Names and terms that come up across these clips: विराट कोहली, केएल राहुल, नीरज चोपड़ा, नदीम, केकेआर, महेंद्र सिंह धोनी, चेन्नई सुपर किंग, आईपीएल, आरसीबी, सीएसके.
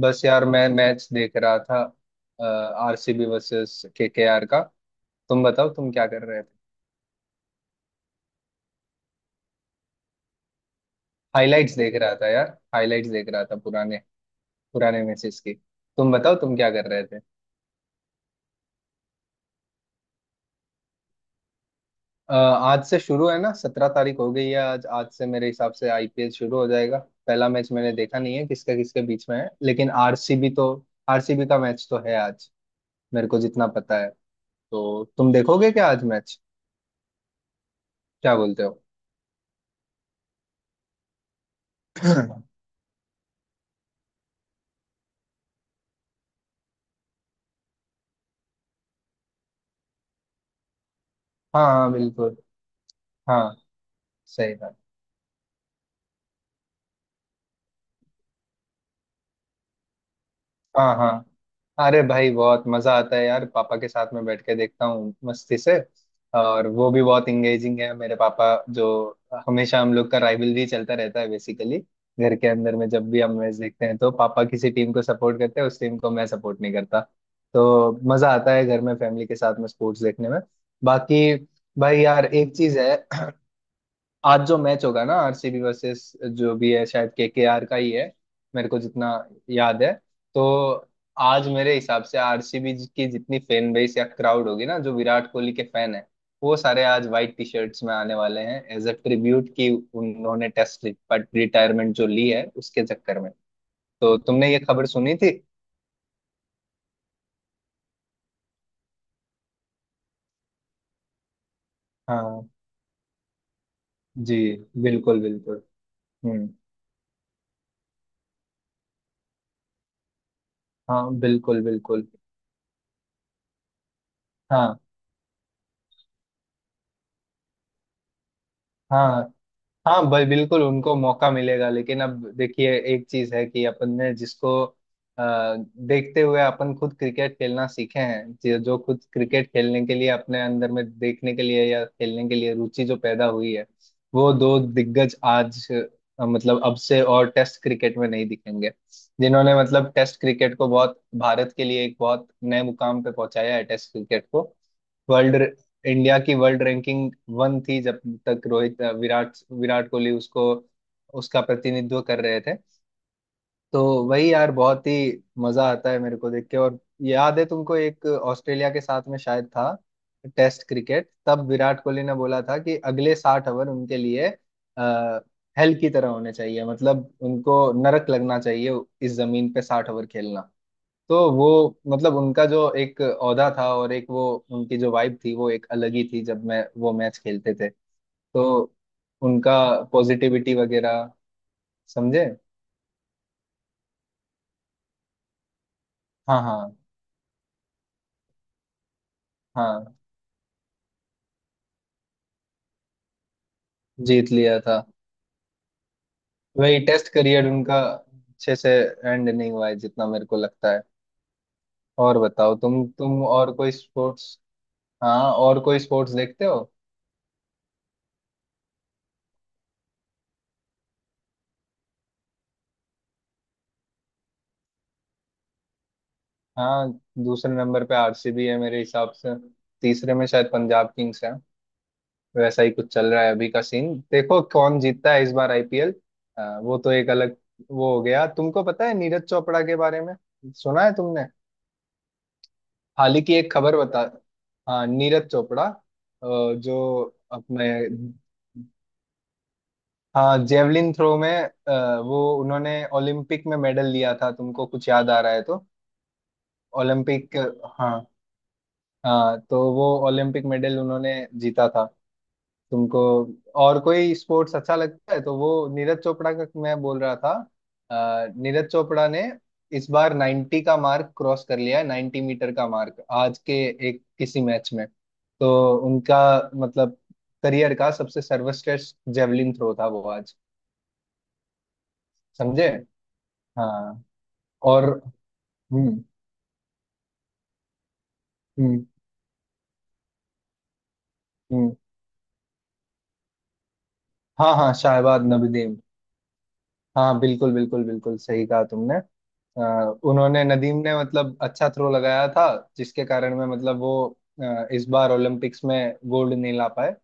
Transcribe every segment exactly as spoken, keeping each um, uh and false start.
बस यार मैं मैच देख रहा था। आरसीबी वर्सेस केकेआर का। तुम बताओ तुम क्या कर रहे थे। हाइलाइट्स देख रहा था यार। हाइलाइट्स देख रहा था पुराने। पुराने मैचेस की। तुम बताओ तुम क्या कर रहे थे। अ, आज से शुरू है ना, सत्रह तारीख हो गई है आज। आज से मेरे हिसाब से आईपीएल शुरू हो जाएगा। पहला मैच मैंने देखा नहीं है किसका किसके बीच में है, लेकिन आरसीबी तो, आरसीबी का मैच तो है आज, मेरे को जितना पता है। तो तुम देखोगे क्या आज मैच? क्या बोलते हो? हाँ। हाँ बिल्कुल। हाँ सही बात। हाँ हाँ। अरे भाई बहुत मजा आता है यार, पापा के साथ में बैठ के देखता हूँ मस्ती से। और वो भी बहुत इंगेजिंग है मेरे पापा, जो हमेशा हम लोग का राइवलरी चलता रहता है बेसिकली। घर के अंदर में जब भी हम मैच देखते हैं तो पापा किसी टीम को सपोर्ट करते हैं, उस टीम को मैं सपोर्ट नहीं करता। तो मजा आता है घर में फैमिली के साथ में स्पोर्ट्स देखने में। बाकी भाई यार एक चीज है। आज जो मैच होगा ना आरसीबी वर्सेस, जो भी है शायद केकेआर का ही है, मेरे को जितना याद है। तो आज मेरे हिसाब से आरसीबी की जितनी फैन बेस या क्राउड होगी ना, जो विराट कोहली के फैन है, वो सारे आज व्हाइट टी शर्ट्स में आने वाले हैं एज अ ट्रिब्यूट, कि उन्होंने टेस्ट रिटायरमेंट जो ली है उसके चक्कर में। तो तुमने ये खबर सुनी थी? हाँ जी। बिल्कुल बिल्कुल। हम्म। हाँ बिल्कुल बिल्कुल। हाँ हाँ। हाँ भाई बिल्कुल उनको मौका मिलेगा। लेकिन अब देखिए एक चीज है कि अपन ने जिसको अ, देखते हुए अपन खुद क्रिकेट खेलना सीखे हैं, जो जो खुद क्रिकेट खेलने के लिए अपने अंदर में देखने के लिए या खेलने के लिए रुचि जो पैदा हुई है, वो दो दिग्गज आज अ, मतलब अब से और टेस्ट क्रिकेट में नहीं दिखेंगे। जिन्होंने मतलब टेस्ट क्रिकेट को बहुत भारत के लिए एक बहुत नए मुकाम पे पहुंचाया है टेस्ट क्रिकेट को। वर्ल्ड, इंडिया की वर्ल्ड रैंकिंग वन थी जब तक रोहित विराट विराट कोहली उसको, उसका प्रतिनिधित्व कर रहे थे। तो वही यार, बहुत ही मजा आता है मेरे को देख के। और याद है तुमको एक ऑस्ट्रेलिया के साथ में शायद था टेस्ट क्रिकेट, तब विराट कोहली ने बोला था कि अगले साठ ओवर उनके लिए आ, हेल की तरह होने चाहिए, मतलब उनको नरक लगना चाहिए इस जमीन पे साठ ओवर खेलना। तो वो मतलब उनका जो एक औहदा था, और एक वो उनकी जो वाइब थी वो एक अलग ही थी जब मैं वो मैच खेलते थे। तो उनका पॉजिटिविटी वगैरह, समझे? हाँ हाँ। हाँ जीत लिया था। वही टेस्ट करियर उनका अच्छे से एंड नहीं हुआ है, जितना मेरे को लगता है। और बताओ तुम तुम और कोई स्पोर्ट्स, हाँ और कोई स्पोर्ट्स देखते हो? हाँ। दूसरे नंबर पे आरसीबी है मेरे हिसाब से। तीसरे में शायद पंजाब किंग्स है। वैसा ही कुछ चल रहा है अभी का सीन, देखो कौन जीतता है इस बार आईपीएल। वो तो एक अलग, वो हो गया। तुमको पता है नीरज चोपड़ा के बारे में? सुना है तुमने हाल ही की एक खबर? बता। हाँ नीरज चोपड़ा अ, जो अपने, हाँ जेवलिन थ्रो में, अ, वो उन्होंने ओलंपिक में मेडल लिया था, तुमको कुछ याद आ रहा है तो? ओलंपिक। हाँ हाँ तो वो ओलंपिक मेडल उन्होंने जीता था। तुमको और कोई स्पोर्ट्स अच्छा लगता है तो? वो नीरज चोपड़ा का मैं बोल रहा था। अ, नीरज चोपड़ा ने इस बार नब्बे का मार्क क्रॉस कर लिया है, नब्बे मीटर का मार्क, आज के एक किसी मैच में। तो उनका मतलब करियर का सबसे सर्वश्रेष्ठ जेवलिन थ्रो था वो आज। समझे? हाँ और, हम्म हम्म हम्म, हाँ हाँ शाहबाद नबीदीम। हाँ बिल्कुल बिल्कुल बिल्कुल, सही कहा तुमने। अ, उन्होंने नदीम ने मतलब अच्छा थ्रो लगाया था, जिसके कारण में मतलब वो अ, इस बार ओलंपिक्स में गोल्ड नहीं ला पाए।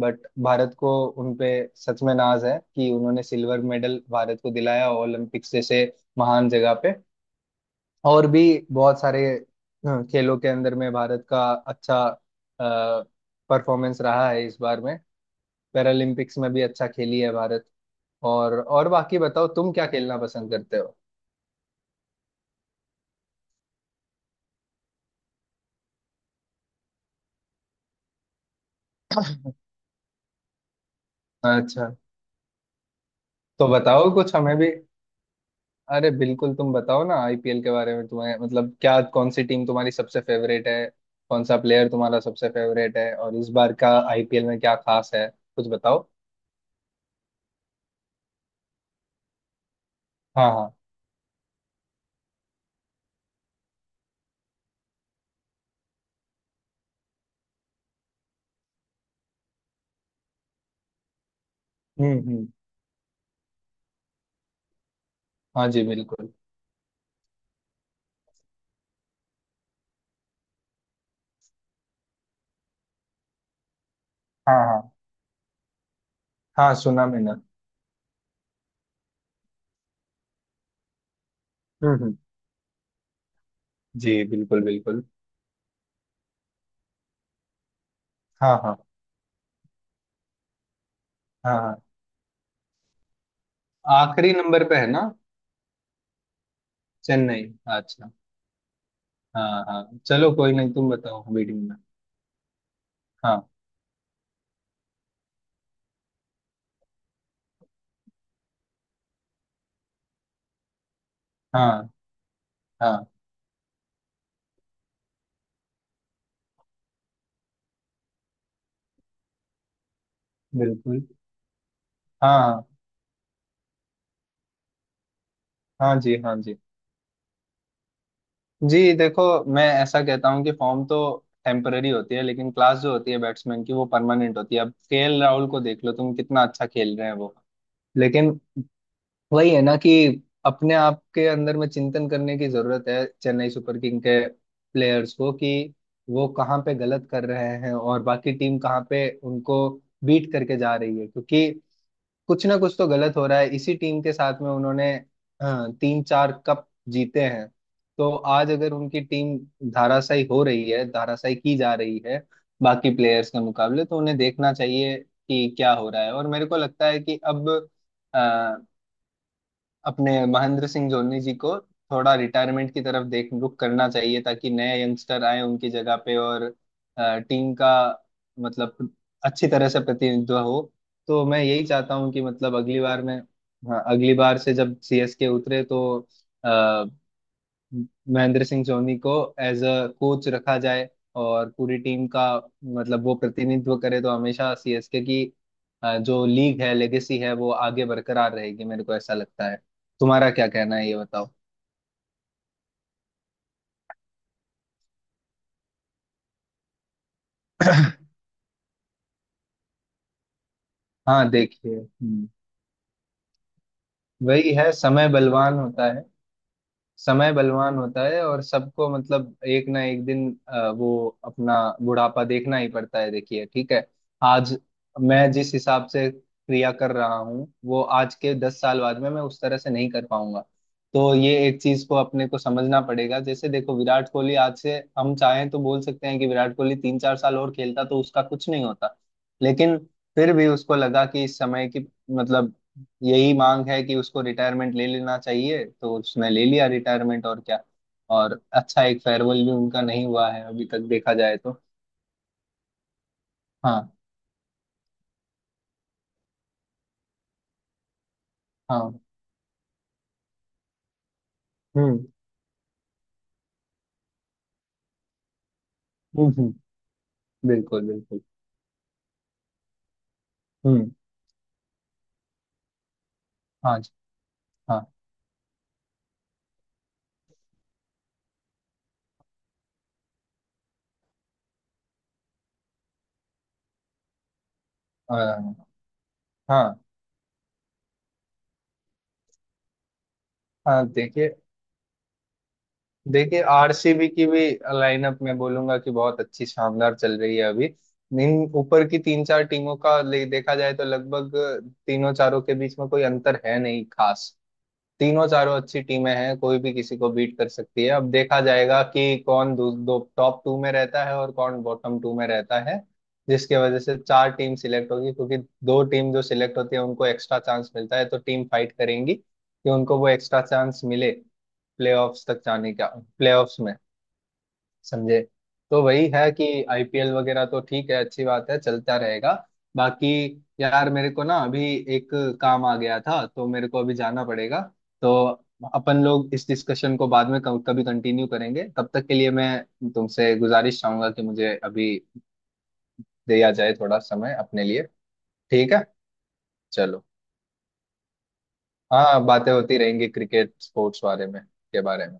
बट भारत को उनपे सच में नाज है कि उन्होंने सिल्वर मेडल भारत को दिलाया ओलंपिक्स जैसे महान जगह पे। और भी बहुत सारे अ, खेलों के अंदर में भारत का अच्छा परफॉर्मेंस रहा है इस बार में। पैरालंपिक्स में भी अच्छा खेली है भारत। और और बाकी बताओ तुम क्या खेलना पसंद करते हो? अच्छा। तो बताओ कुछ हमें भी। अरे बिल्कुल तुम बताओ ना, आईपीएल के बारे में तुम्हें मतलब क्या, कौन सी टीम तुम्हारी सबसे फेवरेट है, कौन सा प्लेयर तुम्हारा सबसे फेवरेट है, और इस बार का आईपीएल में क्या खास है, कुछ बताओ। हाँ हाँ। हम्म हम्म। हाँ जी बिल्कुल। हाँ हाँ। हाँ सुना मैंने। हम्म हम्म। जी बिल्कुल बिल्कुल। हाँ हाँ। हाँ हाँ। आखिरी नंबर पे है ना? चेन्नई। अच्छा। हाँ हाँ चलो कोई नहीं, तुम बताओ अभी टीम में। हाँ। हाँ हाँ बिल्कुल। हाँ हाँ जी हाँ जी। जी देखो, मैं ऐसा कहता हूँ कि फॉर्म तो टेम्पररी होती है, लेकिन क्लास जो होती है बैट्समैन की, वो परमानेंट होती है। अब केएल राहुल को देख लो तुम, कितना अच्छा खेल रहे हैं वो। लेकिन वही है ना कि अपने आप के अंदर में चिंतन करने की जरूरत है चेन्नई सुपर किंग के प्लेयर्स को, कि वो कहाँ पे गलत कर रहे हैं और बाकी टीम कहाँ पे उनको बीट करके जा रही है, क्योंकि कुछ ना कुछ तो गलत हो रहा है। इसी टीम के साथ में उन्होंने, हाँ, तीन चार कप जीते हैं। तो आज अगर उनकी टीम धाराशायी हो रही है, धाराशायी की जा रही है बाकी प्लेयर्स के मुकाबले, तो उन्हें देखना चाहिए कि क्या हो रहा है। और मेरे को लगता है कि अब अपने महेंद्र सिंह धोनी जी को थोड़ा रिटायरमेंट की तरफ देख, रुख करना चाहिए, ताकि नए यंगस्टर आए उनकी जगह पे और टीम का मतलब अच्छी तरह से प्रतिनिधित्व हो। तो मैं यही चाहता हूँ कि मतलब अगली बार में, हाँ अगली बार से जब सीएसके उतरे तो महेंद्र सिंह धोनी को एज अ कोच रखा जाए, और पूरी टीम का मतलब वो प्रतिनिधित्व करे। तो हमेशा सीएसके की अ, जो लीग है, लेगेसी है, वो आगे बरकरार रहेगी, मेरे को ऐसा लगता है। तुम्हारा क्या कहना है ये बताओ। हाँ देखिए, हम्म, वही है, समय बलवान होता है। समय बलवान होता है, और सबको मतलब एक ना एक दिन अ, वो अपना बुढ़ापा देखना ही पड़ता है, देखिए ठीक है। आज मैं जिस हिसाब से क्रिया कर रहा हूँ, वो आज के दस साल बाद में मैं उस तरह से नहीं कर पाऊंगा। तो ये एक चीज को अपने को समझना पड़ेगा। जैसे देखो विराट कोहली, आज से हम चाहें तो बोल सकते हैं कि विराट कोहली तीन चार साल और खेलता तो उसका कुछ नहीं होता, लेकिन फिर भी उसको लगा कि इस समय की मतलब यही मांग है कि उसको रिटायरमेंट ले लेना चाहिए, तो उसने ले लिया रिटायरमेंट और क्या। और अच्छा, एक फेयरवेल भी उनका नहीं हुआ है अभी तक, देखा जाए तो। हाँ हाँ। हम्म हम्म हम्म, बिल्कुल बिल्कुल। हम्म। हाँ जी। हाँ। अ, हाँ हाँ देखिए। देखिए आरसीबी की भी लाइनअप मैं बोलूंगा कि बहुत अच्छी शानदार चल रही है अभी। इन ऊपर की तीन चार टीमों का ले देखा जाए तो लगभग तीनों चारों के बीच में कोई अंतर है नहीं खास। तीनों चारों अच्छी टीमें हैं, कोई भी किसी को बीट कर सकती है। अब देखा जाएगा कि कौन दो, दो टॉप टू में रहता है और कौन बॉटम टू में रहता है, जिसके वजह से चार टीम सिलेक्ट होगी। क्योंकि दो टीम जो सिलेक्ट होती है उनको एक्स्ट्रा चांस मिलता है, तो टीम फाइट करेंगी कि उनको वो एक्स्ट्रा चांस मिले, प्लेऑफ्स तक जाने का, प्लेऑफ्स में, समझे? तो वही है कि आईपीएल वगैरह तो ठीक है, अच्छी बात है, चलता रहेगा। बाकी यार मेरे को ना अभी एक काम आ गया था, तो मेरे को अभी जाना पड़ेगा। तो अपन लोग इस डिस्कशन को बाद में कभी कभी कंटिन्यू करेंगे। तब तक के लिए मैं तुमसे गुजारिश चाहूंगा कि मुझे अभी दिया जाए थोड़ा समय अपने लिए। ठीक है। चलो। हाँ बातें होती रहेंगी क्रिकेट स्पोर्ट्स बारे में के बारे में।